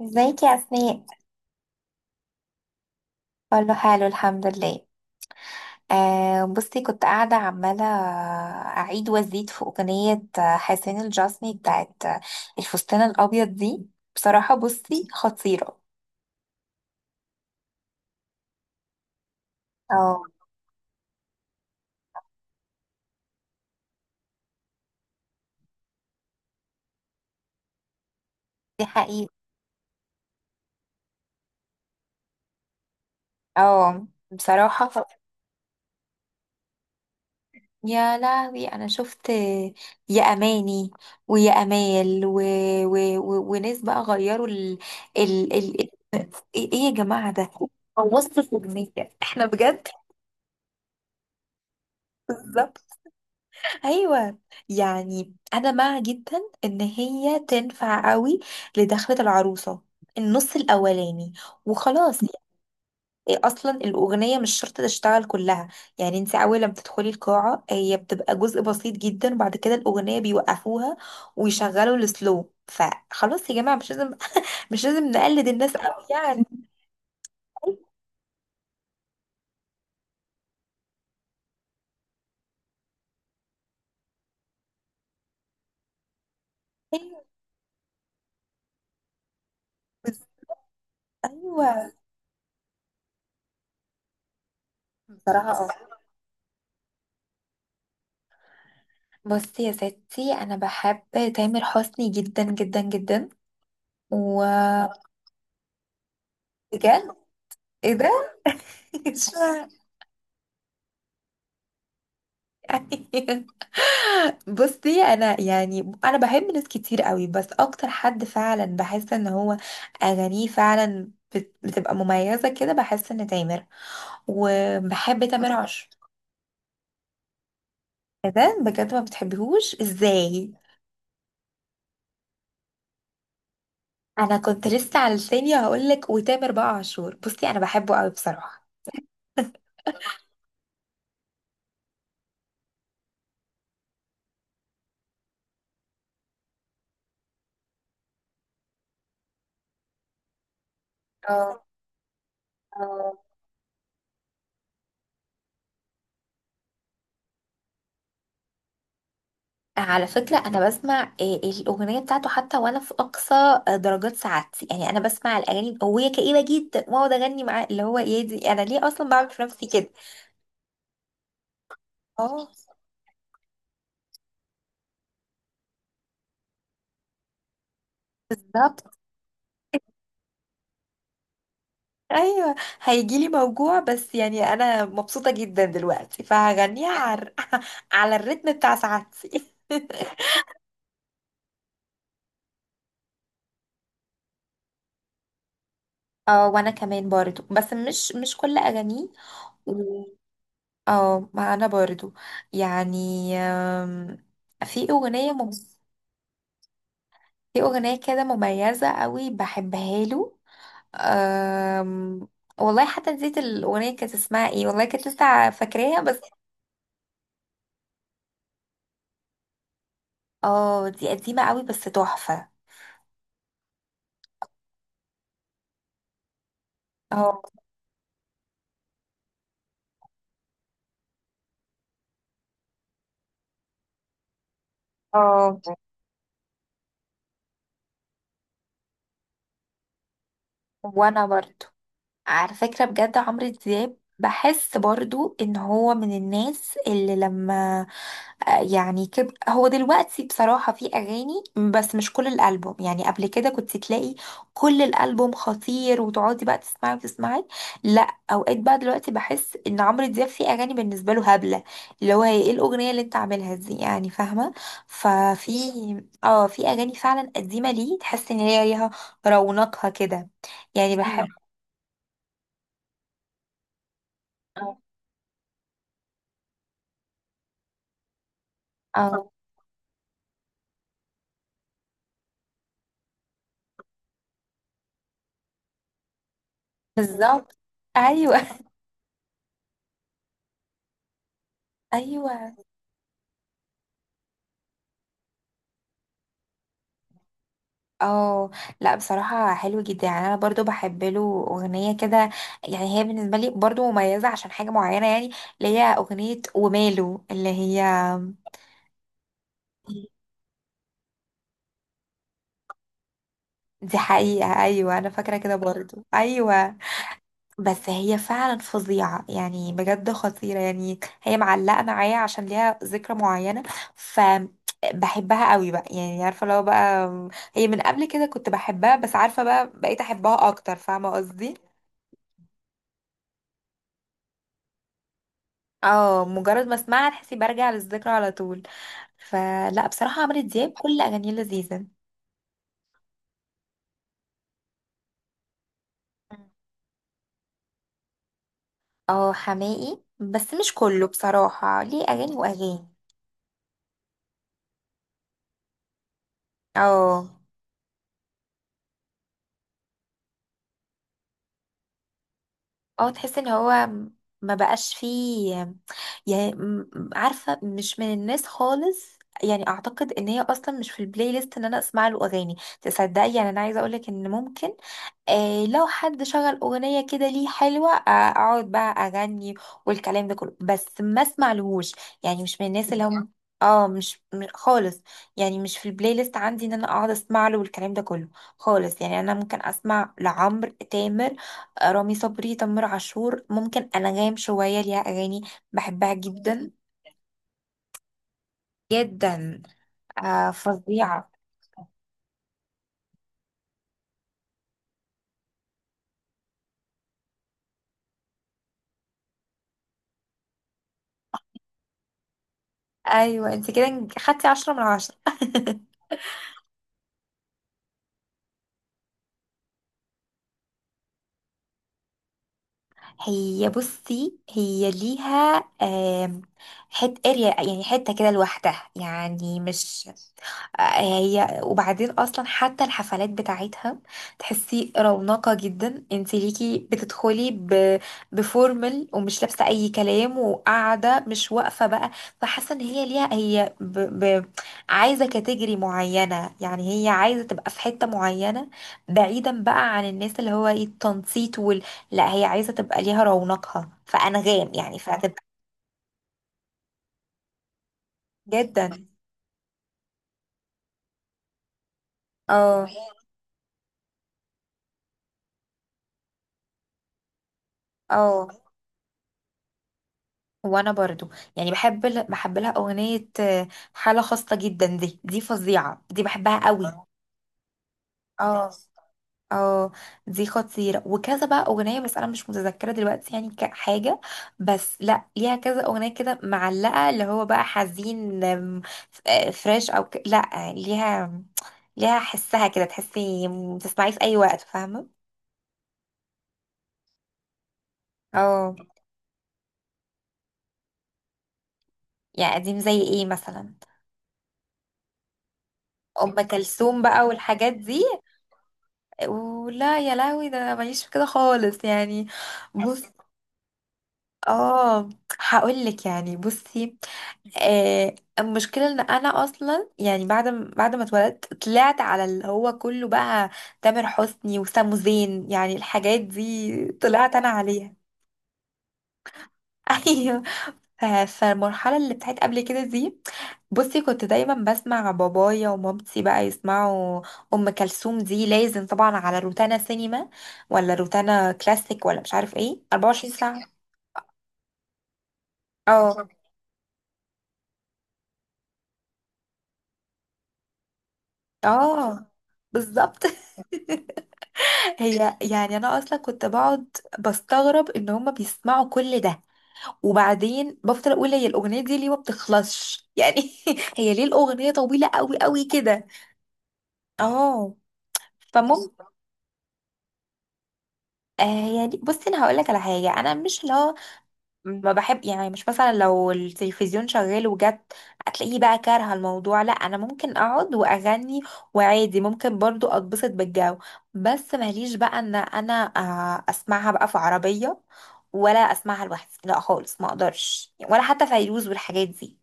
ازيك يا اسماء؟ كله حلو الحمد لله. آه، بصي، كنت قاعده عماله اعيد وازيد في اغنيه حسين الجسمي بتاعت الفستان الابيض دي. بصراحه، بصي، خطيره. اه، دي حقيقة. اه، بصراحه، يا لهوي، انا شفت يا اماني، ويا امال، وناس بقى غيروا ال... ال... ايه يا جماعه ده، بوظتوا الاغنيه! احنا بجد! بالظبط. ايوه. يعني انا مع جدا ان هي تنفع قوي لدخلة العروسة، النص الاولاني، وخلاص. يعني اصلا الاغنيه مش شرط تشتغل كلها. يعني انت اول لما بتدخلي القاعه هي بتبقى جزء بسيط جدا، بعد كده الاغنيه بيوقفوها ويشغلوا السلو، فخلاص يا جماعه، مش لازم. مش لازم نقلد الناس قوي يعني. أيوة، بس- ايوه. بصراحه، اه. بصي يا ستي، انا بحب تامر حسني جدا جدا جدا، و... بجد. ايه ده؟ اشمعنى؟ أيوة. بصي، انا يعني، انا بحب ناس كتير قوي، بس اكتر حد فعلا بحس ان هو اغانيه فعلا بتبقى مميزة كده، بحس ان تامر. وبحب تامر عاشور. ايه ده بجد، ما بتحبيهوش ازاي؟ انا كنت لسه على لساني هقولك، وتامر بقى عاشور، بصي انا بحبه قوي بصراحة. اه. على فكرة أنا بسمع الأغنية بتاعته حتى وأنا في أقصى درجات سعادتي، يعني أنا بسمع الأغاني وهي كئيبة جدا وأقعد أغني معاه، اللي هو إيه دي؟ أنا ليه أصلا بعمل في نفسي كده؟ اه. بالظبط. أيوه. هيجيلي موجوع، بس يعني أنا مبسوطة جدا دلوقتي فهغنيها على على الريتم بتاع سعادتي. اه، وانا كمان برضو، بس مش كل اغانيه، و- اه، ما انا برضو، يعني، آم، في اغنيه في أغنية كده مميزة قوي بحبها له. أم... والله حتى نسيت الأغنية كانت اسمها ايه، والله كنت لسه فاكراها بس. اه، دي قديمة قوي بس تحفة. اه، اه، وانا برضو. على فكرة بجد عمرو دياب بحس برضو ان هو من الناس اللي لما يعني هو دلوقتي بصراحة في اغاني، بس مش كل الالبوم، يعني قبل كده كنت تلاقي كل الالبوم خطير، وتقعدي بقى تسمعي وتسمعي. لا، اوقات بقى دلوقتي بحس ان عمرو دياب في اغاني بالنسبة له هبلة، اللي هو هي ايه الاغنية اللي انت عاملها دي، يعني فاهمة. ففي اه في اغاني فعلا قديمة ليه، تحس ان هي ليها رونقها كده. يعني بحب. مم. اه، بالظبط. ايوه. ايوه. اه، لا، بصراحه حلو جدا يعني، انا برضو بحب له اغنيه كده. يعني هي بالنسبه لي برضو مميزه عشان حاجه معينه يعني، اللي هي اغنيه وماله، اللي هي دي حقيقه. ايوه، انا فاكره كده برضو، ايوه. بس هي فعلا فظيعة يعني، بجد خطيرة، يعني هي معلقة معايا عشان ليها ذكرى معينة. ف بحبها قوي بقى يعني عارفة، لو بقى هي من قبل كده كنت بحبها، بس عارفة بقى بقيت أحبها أكتر، فاهمة قصدي. اه، مجرد ما اسمعها تحسي برجع للذكرى على طول. فلا بصراحة عمرو دياب كل أغانيه لذيذة. اه، حماقي بس مش كله بصراحة، ليه أغاني وأغاني. اه، اه، تحس ان هو ما بقاش فيه، يعني عارفة مش من الناس خالص يعني، اعتقد ان هي اصلا مش في البلاي ليست ان انا اسمع له اغاني. تصدقي، يعني انا عايزه اقولك ان ممكن لو حد شغل اغنيه كده ليه حلوه، اقعد بقى اغني والكلام ده كله، بس ما اسمع لهوش، يعني مش من الناس اللي هم، اه، مش خالص، يعني مش في البلاي ليست عندي ان انا اقعد اسمع له والكلام ده كله خالص. يعني انا ممكن اسمع لعمرو، تامر، رامي صبري، تامر عاشور، ممكن انغام شويه ليها اغاني بحبها جدا، جدا. آه، فظيعه. ايوه، انت كده خدتي عشرة من عشرة. هي، بصي، هي ليها حت اريا يعني، حته كده لوحدها يعني مش آه، هي، وبعدين اصلا حتى الحفلات بتاعتها تحسي رونقة جدا، انت ليكي بتدخلي بفورمال، ومش لابسه اي كلام، وقاعده مش واقفه بقى. فحاسه ان هي ليها ب... عايزه كاتيجري معينه، يعني هي عايزه تبقى في حته معينه بعيدا بقى عن الناس اللي هو ايه، التنطيط. لا هي عايزة تبقى ليها رونقها، فأنغام يعني فهتبقى جدا. اه، اه، وانا برضو يعني بحب لها اغنية حالة خاصة جدا دي، دي فظيعة، دي بحبها قوي. اه. اه، دي خطيرة وكذا بقى اغنية، بس انا مش متذكرة دلوقتي يعني كحاجة، بس لا، ليها كذا اغنية كده معلقة اللي هو بقى حزين، فريش لا، ليها حسها كده، تحسي تسمعيه في اي وقت، فاهمة؟ اه. يعني قديم زي ايه مثلا؟ ام كلثوم بقى والحاجات دي. ولا يا لهوي، ده انا ماليش في كده خالص يعني. بص، اه، هقول لك يعني، بصي، المشكله ان انا اصلا يعني بعد ما اتولدت طلعت على اللي هو كله بقى تامر حسني وسامو زين، يعني الحاجات دي طلعت انا عليها. ايوه. فالمرحلة اللي بتاعت قبل كده دي، بصي كنت دايما بسمع بابايا ومامتي بقى يسمعوا أم كلثوم. دي لازم طبعا على روتانا سينما ولا روتانا كلاسيك ولا مش عارف ايه، 24 ساعة. اه، اه، بالظبط. هي يعني انا اصلا كنت بقعد بستغرب ان هما بيسمعوا كل ده، وبعدين بفضل اقول هي الاغنيه دي ليه ما بتخلصش يعني. هي ليه الاغنيه طويله قوي قوي كده؟ اه، فممكن آه يعني، بصي انا هقول لك على حاجه، انا مش لا، ما بحب، يعني مش مثلا لو التلفزيون شغال وجت هتلاقيه بقى كارهه الموضوع. لا، انا ممكن اقعد واغني وعادي ممكن برضو اتبسط بالجو، بس ماليش بقى ان انا اسمعها بقى في عربيه ولا اسمعها لوحدي، لا خالص ما اقدرش، ولا حتى فيروز والحاجات دي.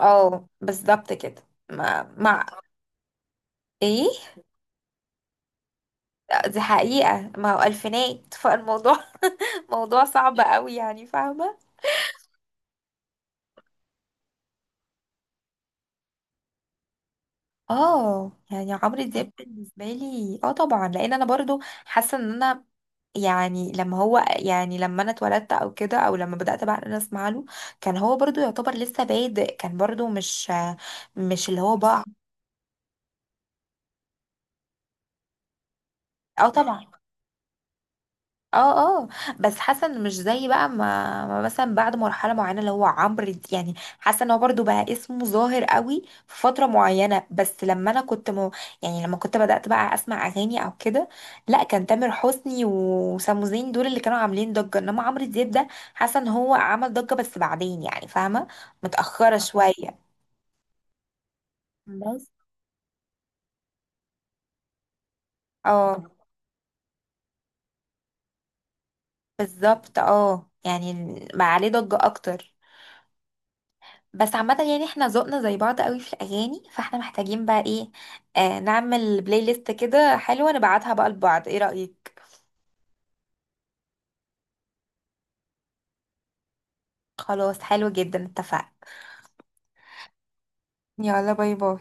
اه، بالظبط كده. ما مع. ايه. لا، دي حقيقه، ما هو الفينات فالموضوع. موضوع صعب قوي يعني، فاهمه. اه، يعني عمرو دياب بالنسبه لي، طبعا لان انا برضو حاسه ان انا يعني لما هو يعني لما انا اتولدت او كده، او لما بدات بقى إن انا اسمع له، كان هو برضو يعتبر لسه بادئ، كان برضو مش اللي هو بقى. اه، طبعا. اه، اه. بس حاسه ان مش زي بقى ما مثلا بعد مرحله معينه اللي هو يعني، حاسه ان هو برضو بقى اسمه ظاهر قوي في فتره معينه، بس لما انا كنت يعني لما كنت بدات بقى اسمع اغاني او كده، لا كان تامر حسني وسامو زين دول اللي كانوا عاملين ضجه، انما عمرو دياب ده حاسه ان هو عمل ضجه بس بعدين، يعني فاهمه، متاخره شويه. بس، اه، بالظبط، اه، يعني بقى عليه ضجه اكتر. بس عامة يعني احنا ذوقنا زي بعض قوي في الأغاني، فاحنا محتاجين بقى ايه، نعمل بلاي ليست كده حلوة نبعتها بقى لبعض، ايه رأيك؟ خلاص، حلو جدا، اتفقنا. يلا، باي باي.